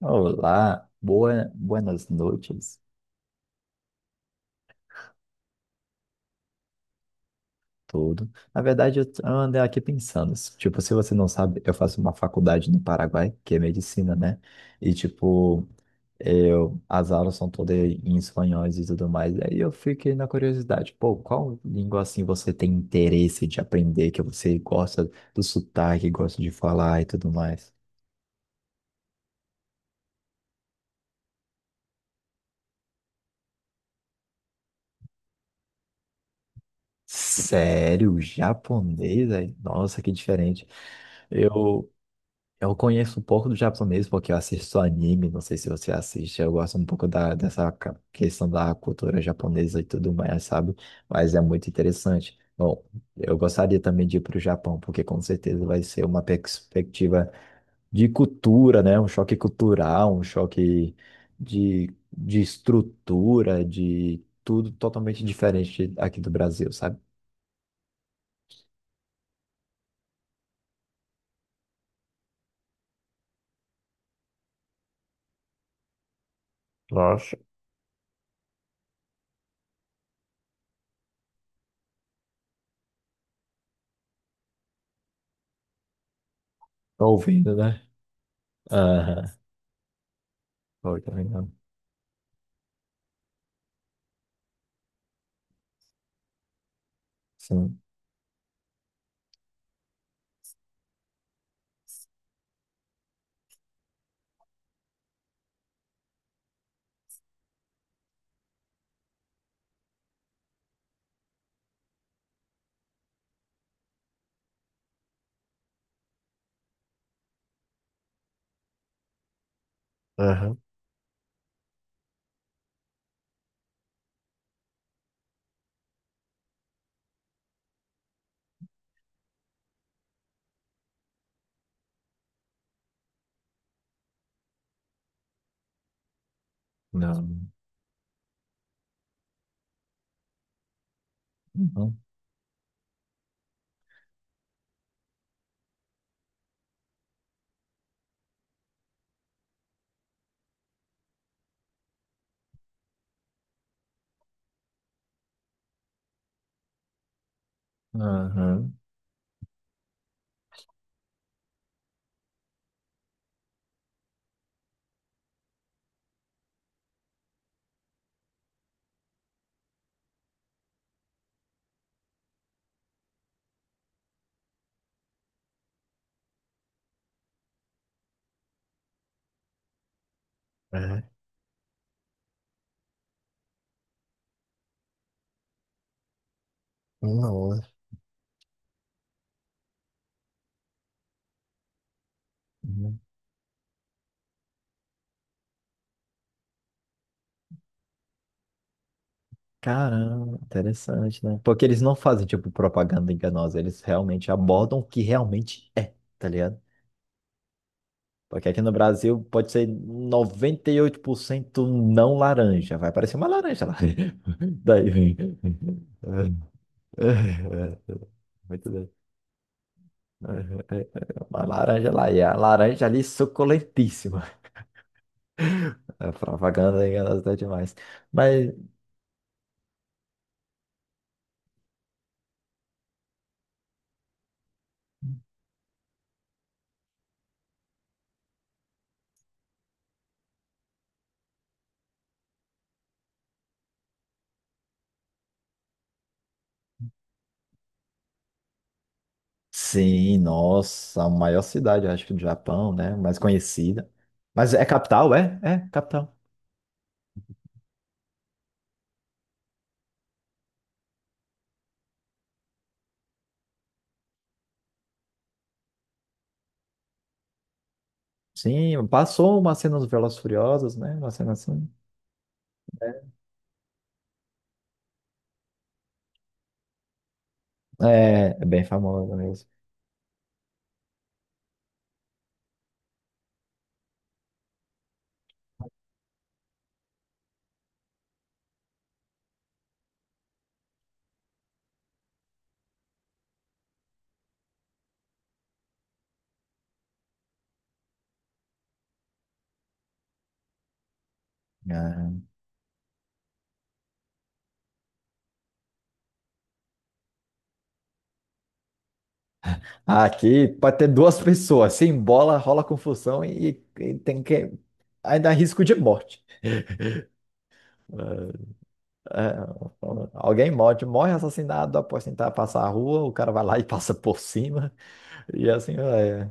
Olá, boa, buenas noites, tudo. Na verdade, eu andei aqui pensando, tipo, se você não sabe, eu faço uma faculdade no Paraguai, que é medicina, né? E, tipo, eu, as aulas são todas em espanhóis e tudo mais. Aí eu fiquei na curiosidade, pô, qual língua, assim, você tem interesse de aprender, que você gosta do sotaque, gosta de falar e tudo mais? Sério? Japonês? Aí? Nossa, que diferente. Eu Eu conheço um pouco do japonês porque eu assisto anime, não sei se você assiste, eu gosto um pouco dessa questão da cultura japonesa e tudo mais, sabe? Mas é muito interessante. Bom, eu gostaria também de ir para o Japão, porque com certeza vai ser uma perspectiva de cultura, né? Um choque cultural, um choque de, de estrutura, de tudo totalmente diferente aqui do Brasil, sabe? Nossa. Tá ouvindo, né? Aham. Foi, tá ouvindo? Sim. Aham. Não. Uhum. Aham. É. Nossa. Uhum. Caramba, interessante, né? Porque eles não fazem, tipo, propaganda enganosa, eles realmente abordam o que realmente é, tá ligado? Porque aqui no Brasil pode ser 98% não laranja, vai parecer uma laranja lá. Daí vem. Muito bem. Uma laranja lá, e a laranja ali suculentíssima. A propaganda enganosa é demais. Mas sim, nossa, a maior cidade, eu acho que do Japão, né? Mais conhecida. Mas é capital, é? É, capital. Sim, passou uma cena dos Velozes e Furiosos, né? Uma cena assim. Né. É, é bem famosa mesmo. Ah, aqui pode ter duas pessoas, se embola, rola confusão e tem que. Ainda há risco de morte. É, é, alguém morre, morre assassinado após tentar passar a rua, o cara vai lá e passa por cima. E assim, é.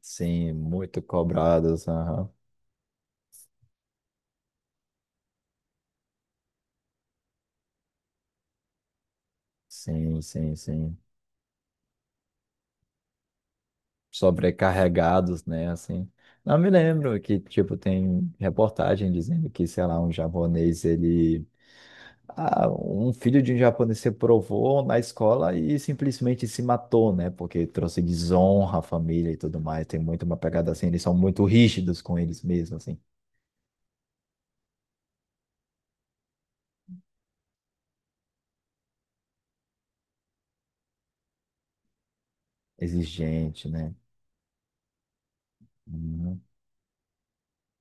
Sim, muito cobrados. Sim, sim, sim. Sobrecarregados, né? Assim. Não me lembro que, tipo, tem reportagem dizendo que, sei lá, um japonês, ele. Ah, um filho de um japonês se provou na escola e simplesmente se matou, né? Porque trouxe desonra à família e tudo mais. Tem muito uma pegada assim, eles são muito rígidos com eles mesmos, assim. Exigente, né? Uhum,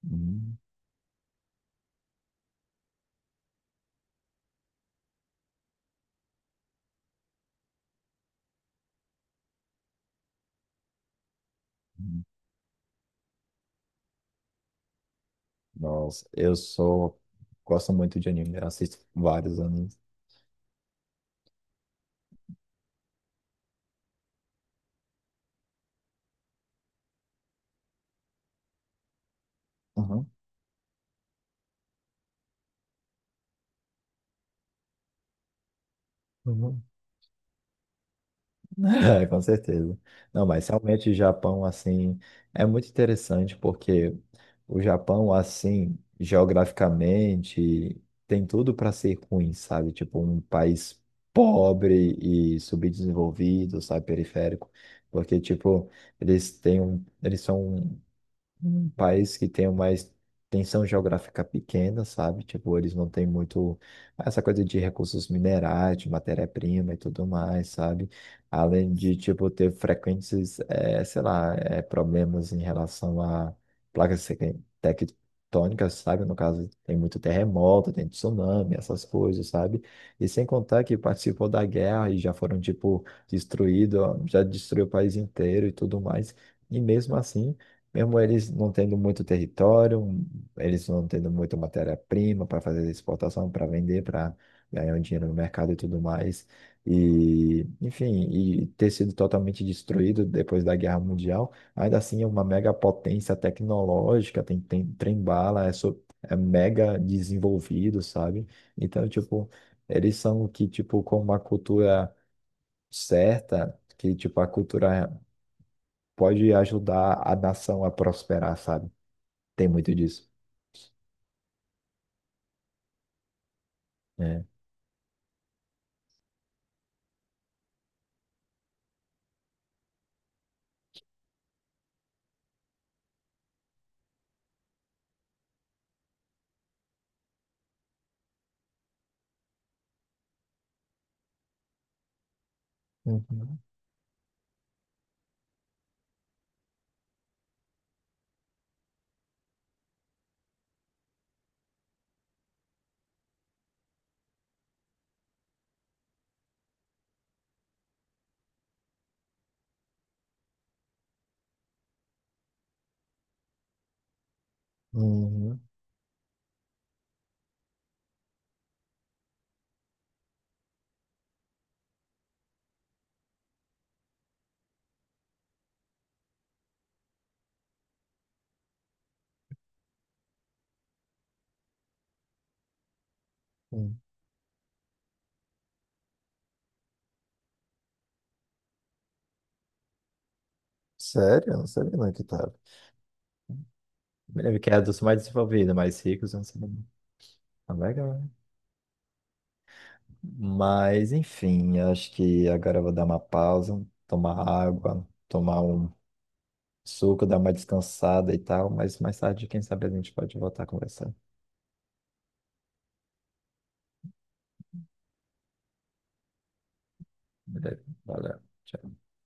uhum, uhum. Nossa, eu sou. Gosto muito de anime, eu assisto vários animes. Uhum. Uhum. É, com certeza. Não, mas realmente o Japão, assim, é muito interessante porque o Japão, assim, geograficamente, tem tudo para ser ruim, sabe? Tipo, um país pobre e subdesenvolvido, sabe? Periférico. Porque, tipo, eles têm um, eles são um país que tem uma extensão geográfica pequena, sabe? Tipo, eles não têm muito essa coisa de recursos minerais, de matéria-prima e tudo mais, sabe? Além de, tipo, ter frequentes, sei lá, problemas em relação a placas tec- tectônicas, sabe? No caso, tem muito terremoto, tem tsunami, essas coisas, sabe? E sem contar que participou da guerra e já foram, tipo, destruídos, já destruiu o país inteiro e tudo mais. E mesmo assim, mesmo eles não tendo muito território, eles não tendo muito matéria-prima para fazer exportação, para vender, para ganhar um dinheiro no mercado e tudo mais. E, enfim, e ter sido totalmente destruído depois da Guerra Mundial, ainda assim é uma mega potência tecnológica, tem, tem trem-bala, é, é mega desenvolvido, sabe? Então, tipo, eles são que, tipo, com uma cultura certa, que, tipo, a cultura pode ajudar a nação a prosperar, sabe? Tem muito disso. É. Uhum, uhum, uhum. Sério? Eu não sabia não que tava. Me lembro que é dos mais desenvolvidos, mais ricos, eu não sei. Ah, legal. Né? Mas, enfim, acho que agora eu vou dar uma pausa, tomar água, tomar um suco, dar uma descansada e tal. Mas mais tarde, quem sabe a gente pode voltar a conversar. Beleza? Valeu. Tchau.